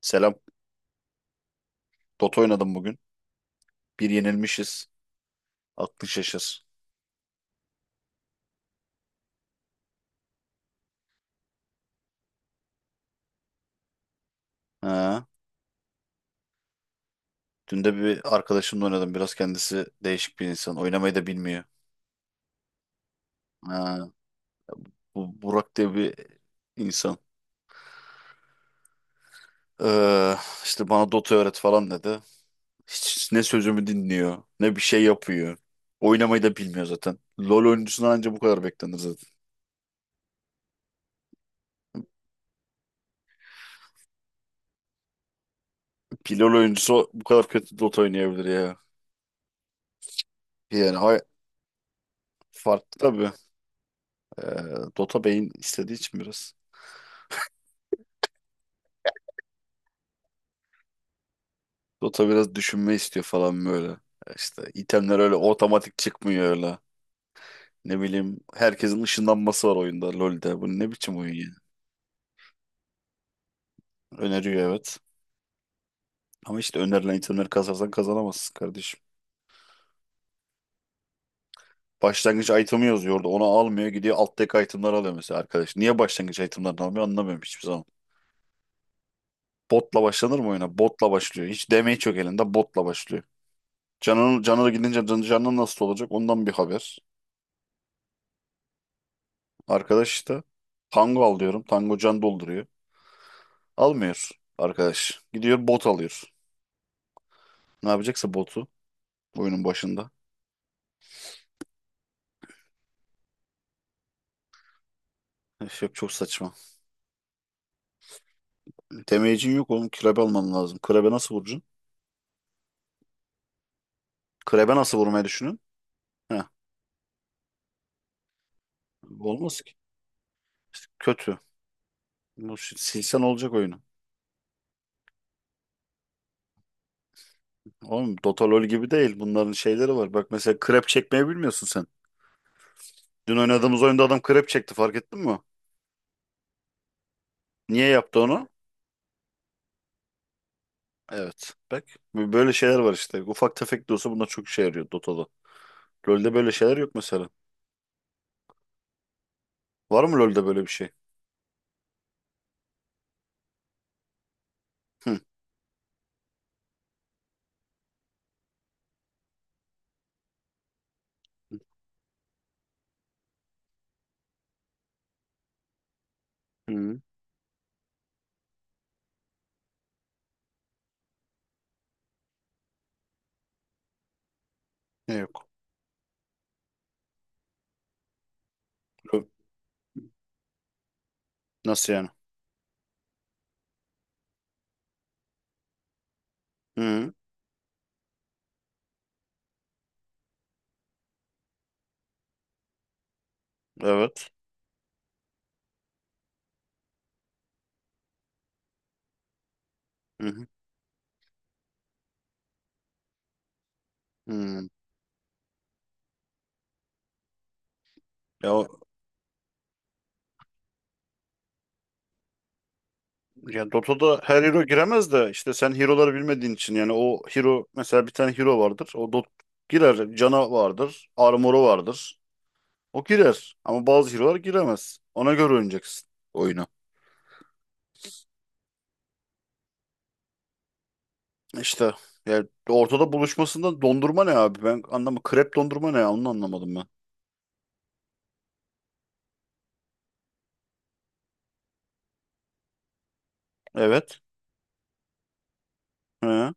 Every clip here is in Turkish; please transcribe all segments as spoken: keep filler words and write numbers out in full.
Selam. Dota oynadım bugün. Bir yenilmişiz. Aklın şaşır. Ha. Dün de bir arkadaşımla oynadım. Biraz kendisi değişik bir insan. Oynamayı da bilmiyor. Ha. Bu Burak diye bir insan. Ee, işte bana Dota öğret falan dedi. Hiç ne sözümü dinliyor, ne bir şey yapıyor. Oynamayı da bilmiyor zaten. LoL oyuncusundan anca bu kadar beklenir zaten. Bir LoL oyuncusu bu kadar kötü Dota oynayabilir ya. Yani hay- farklı tabii. Ee, Dota beyin istediği için biraz. Dota biraz düşünme istiyor falan böyle. Ya İşte itemler öyle otomatik çıkmıyor öyle. Ne bileyim herkesin ışınlanması var oyunda LoL'de. Bu ne biçim oyun ya? Öneriyor evet. Ama işte önerilen itemleri kasarsan kazanamazsın kardeşim. Başlangıç itemi yazıyordu. Onu almıyor gidiyor alt deck itemler alıyor mesela arkadaş. Niye başlangıç itemlerini almıyor anlamıyorum hiçbir zaman. Botla başlanır mı oyuna? Botla başlıyor. Hiç damage yok elinde botla başlıyor. Canın, canına gidince can, canın nasıl olacak ondan bir haber. Arkadaş işte Tango al diyorum. Tango can dolduruyor. Almıyor arkadaş. Gidiyor bot alıyor. Ne yapacaksa botu oyunun başında. Üf, yok çok saçma. Demeyicin yok oğlum. Krebe alman lazım. Krebe nasıl vuracaksın? Krebe nasıl vurmayı düşünün? Heh. Olmaz ki. İşte kötü. Bu şi- silsen olacak oyunu. Oğlum Dota LoL gibi değil. Bunların şeyleri var. Bak mesela krep çekmeyi bilmiyorsun sen. Dün oynadığımız oyunda adam krep çekti fark ettin mi? Niye yaptı onu? Evet. Bak böyle şeyler var işte. Ufak tefek de olsa bunlar çok işe yarıyor Dota'da. LoL'de böyle şeyler yok mesela. Var mı LoL'de böyle bir şey? Hı. Hı. Yok. Yok. Nasıl yani? Hı. Evet. Hı hı. Hı. Ya, o- ya Dota'da her hero giremez de işte sen hero'ları bilmediğin için yani o hero mesela bir tane hero vardır. O Dot girer. Cana vardır. Armor'u vardır. O girer. Ama bazı hero'lar giremez. Ona göre oynayacaksın oyunu. İşte yani ortada buluşmasında dondurma ne abi? Ben anlamı krep dondurma ne ya? Onu anlamadım ben. Evet. Hı.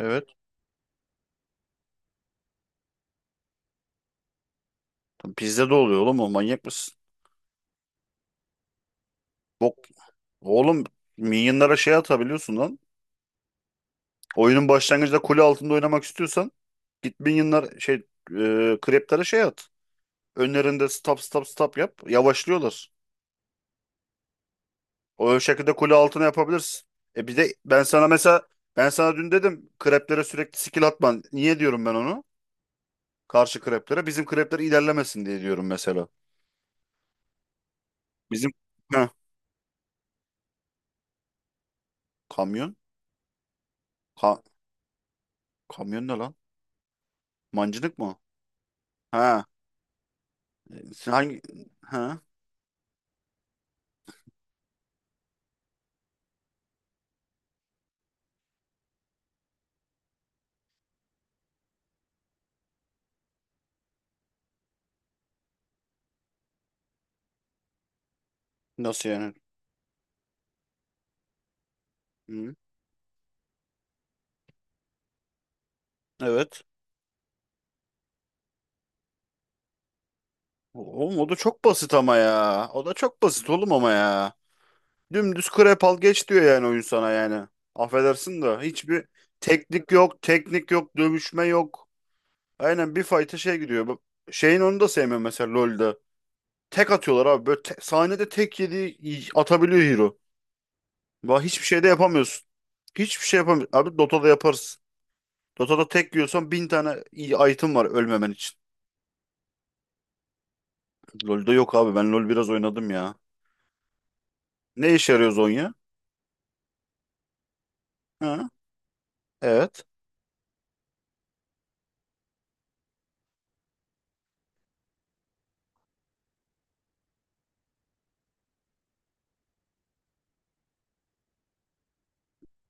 Evet. Bizde de oluyor oğlum o manyak mısın? Bok. Oğlum minyonlara şey atabiliyorsun lan. Oyunun başlangıcında kule altında oynamak istiyorsan git minyonlar şey e, kreplere şey at. Önlerinde stop stop stop yap. Yavaşlıyorlar. O şekilde kule altına yapabilirsin. E bir de ben sana mesela ben sana dün dedim kreplere sürekli skill atman. Niye diyorum ben onu? Karşı kreplere. Bizim krepler ilerlemesin diye diyorum mesela. Bizim Heh. Kamyon Ka- kamyon ne lan? Mancınık mı? Ha. Hangi ha? Nasıl yani? Hı. Evet. Oğlum o da çok basit ama ya. O da çok basit oğlum ama ya. Dümdüz krep al geç diyor yani oyun sana yani. Affedersin de hiçbir teknik yok, teknik yok, dövüşme yok. Aynen bir fight'a şey gidiyor. Bu- Şeyin onu da sevmiyorum mesela lol'da. Tek atıyorlar abi. Böyle te- sahnede tek yedi atabiliyor hero. Bak hiçbir şey de yapamıyorsun. Hiçbir şey yapamıyorsun. Abi Dota'da yaparız. Dota'da tek yiyorsan bin tane iyi item var ölmemen için. Lol'da yok abi. Ben LoL biraz oynadım ya. Ne işe yarıyor Zonya? Ha? Evet.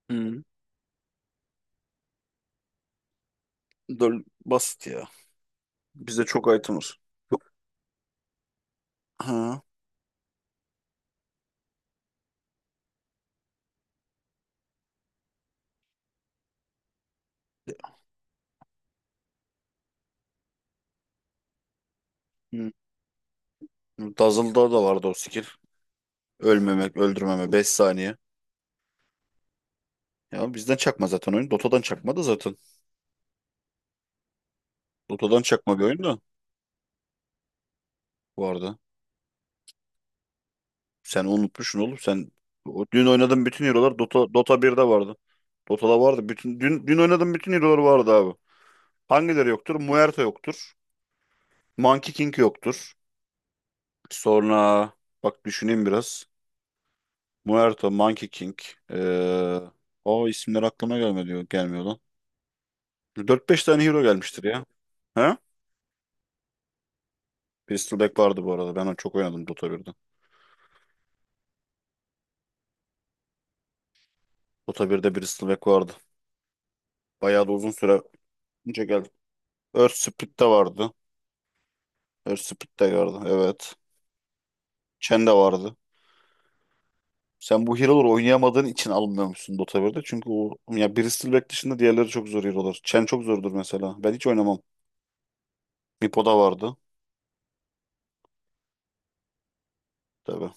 Hmm, dol- basit ya. Bizde çok item var. Yok. Ha. Hmm. Dazzle'da da vardı o skill. Ölmemek, öldürmeme beş saniye. Ya bizden çakma zaten oyun. Dota'dan çakma da zaten. Dota'dan çakma bir oyun da vardı. Sen unutmuşsun oğlum. Sen o, dün oynadığın bütün hero'lar Dota Dota birde vardı. Dota'da vardı. Bütün dün dün oynadığım bütün hero'lar vardı abi. Hangileri yoktur? Muerta yoktur. Monkey King yoktur. Sonra bak düşüneyim biraz. Muerto, Monkey King. Ee, o isimler aklıma gelmiyor, gelmiyor lan. dört beş tane hero gelmiştir ya. He? Bristol Beck vardı bu arada. Ben onu çok oynadım Dota birde. Dota birde Bristol Beck vardı. Bayağı da uzun süre önce geldi. Earth Split de vardı. Earth Split de vardı. Evet. Chen de vardı. Sen bu hero'ları oynayamadığın için alınmamışsın Dota birde? Çünkü o ya Bristol Beck dışında diğerleri çok zor hero'lar. Chen çok zordur mesela. Ben hiç oynamam. Meepo da vardı. Tabii.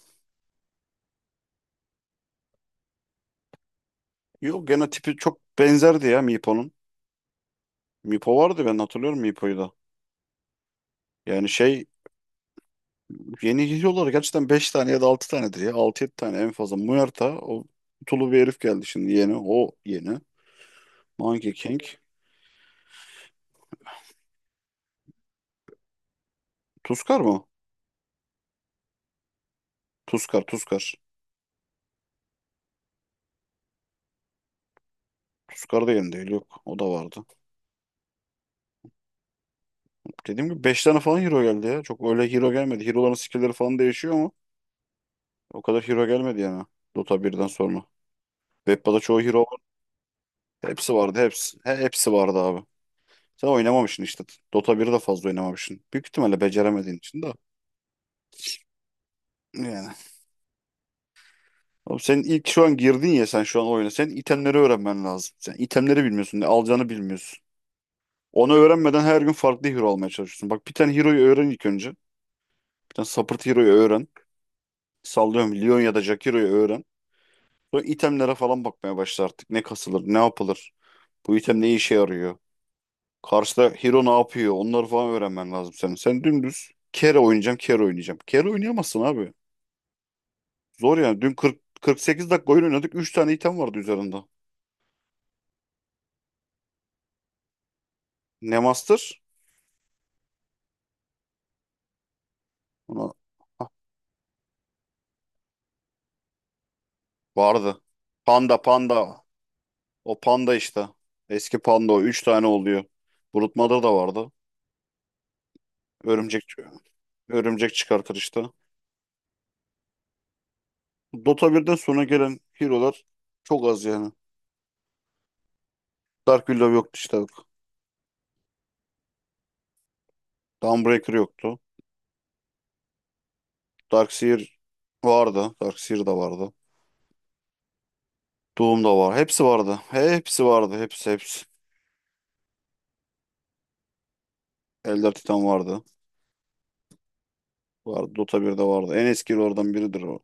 Yok gene tipi çok benzerdi ya Meepo'nun. Mipo vardı ben hatırlıyorum Mipo'yu da. Yani şey yeni geliyorlar gerçekten beş tane ya da altı tanedir ya. altı yedi tane en fazla. Muerta o tulu bir herif geldi şimdi yeni. O yeni. Monkey King. Tuskar mı? Tuskar Tuskar. Tuskar da yeni değil yok. O da vardı. Dediğim gibi beş tane falan hero geldi ya. Çok öyle hero gelmedi. Hero'ların skill'leri falan değişiyor ama o kadar hero gelmedi yani. Dota birden sonra. Veppa'da çoğu hero var. Hepsi vardı hepsi. He, hepsi vardı abi. Sen oynamamışsın işte. Dota biri de fazla oynamamışsın. Büyük ihtimalle beceremediğin için de. Yani. Oğlum sen ilk şu an girdin ya sen şu an oyuna. Sen itemleri öğrenmen lazım. Sen itemleri bilmiyorsun. Ne alacağını bilmiyorsun. Onu öğrenmeden her gün farklı hero almaya çalışıyorsun. Bak bir tane hero'yu öğren ilk önce. Bir tane support hero'yu öğren. Sallıyorum Leon ya da Jack hero'yu öğren. Sonra itemlere falan bakmaya başla artık. Ne kasılır, ne yapılır. Bu item ne işe yarıyor. Karşıda hero ne yapıyor. Onları falan öğrenmen lazım senin. Sen dümdüz kere oynayacağım, kere oynayacağım. Kere oynayamazsın abi. Zor yani. Dün kırk 48 dakika oyun oynadık. Üç tane item vardı üzerinde. Ne master? Ona... Ah, vardı. Panda panda. O panda işte. Eski panda o. Üç tane oluyor. Brute Mother da vardı. Örümcek örümcek çıkartır işte. Dota birden sonra gelen hero'lar çok az yani. Dark Willow yoktu işte. Dawnbreaker yoktu. Darkseer vardı. Darkseer de vardı. Doom da var. Hepsi vardı. Hepsi vardı. Hepsi hepsi. Elder Titan vardı. Vardı. Dota birde vardı. En eski hero'lardan biridir o.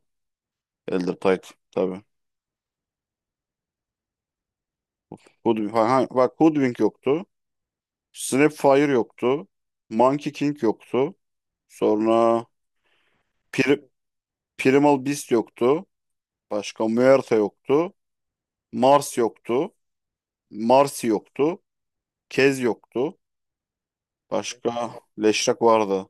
Elder Titan. Tabii. Hoodwink. Ha, ha, bak Hoodwink yoktu. Snapfire yoktu. Monkey King yoktu. Sonra Pri- Primal Beast yoktu. Başka Muerta yoktu. Mars yoktu. Marsi yoktu. Kez yoktu. Başka Leşrak vardı.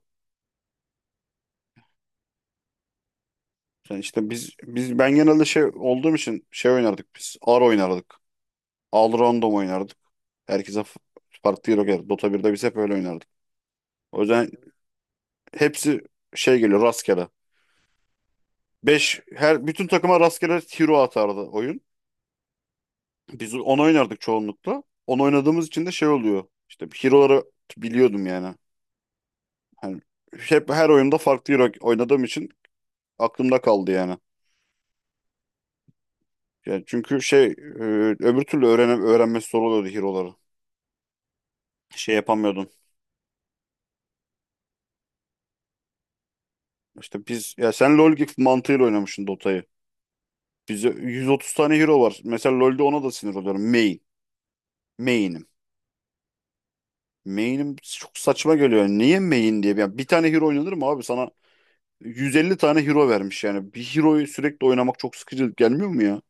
Yani işte biz biz ben genelde şey olduğum için şey oynardık biz. A R oynardık. Al Random oynardık. Herkese f- farklı hero geldi. Dota birde biz hep öyle oynardık. O yüzden hepsi şey geliyor rastgele. Beş her bütün takıma rastgele hero atardı oyun. Biz onu oynardık çoğunlukla. Onu oynadığımız için de şey oluyor. İşte hero'ları biliyordum yani. Hani hep her oyunda farklı hero oynadığım için aklımda kaldı yani. Yani çünkü şey e, öbür türlü öğren öğrenmesi zor oluyordu hero'ları. Şey yapamıyordun. İşte biz ya sen LoL gibi mantığıyla oynamışsın Dota'yı. Bize yüz otuz tane hero var. Mesela LoL'de ona da sinir oluyorum. Main. Main'im. Main'im çok saçma geliyor. Niye main diye? Yani bir tane hero oynanır mı abi? Sana yüz elli tane hero vermiş yani. Bir hero'yu sürekli oynamak çok sıkıcı gelmiyor mu ya?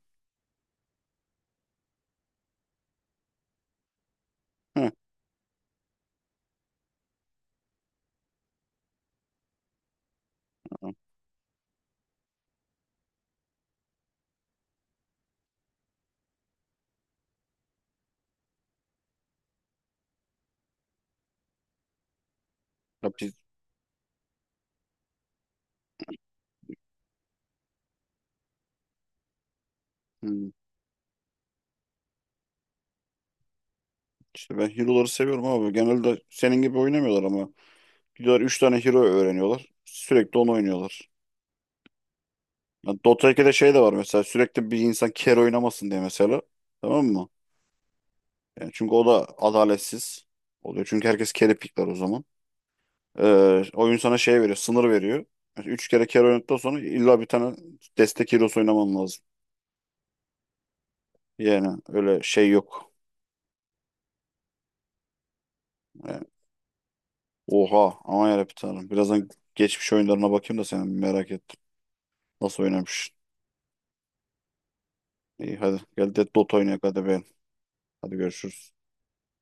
Heh. Ya biz, hmm. İşte ben hero'ları seviyorum abi. Genelde senin gibi oynamıyorlar ama. Gidiyorlar üç tane hero öğreniyorlar. Sürekli onu oynuyorlar. Ya Dota ikide şey de var mesela. Sürekli bir insan carry oynamasın diye mesela. Tamam mı? Yani çünkü o da adaletsiz oluyor. Çünkü herkes carry pickler o zaman. Ee, oyun sana şey veriyor. Sınır veriyor. Mesela üç kere carry oynadıktan sonra illa bir tane destek hero'su oynaman lazım. Yani öyle şey yok. Ee, Oha aman yarabbim tanrım. Birazdan geçmiş oyunlarına bakayım da senin merak ettim. Nasıl oynamış? İyi hadi gel de Dota oynayak hadi ben. Hadi görüşürüz.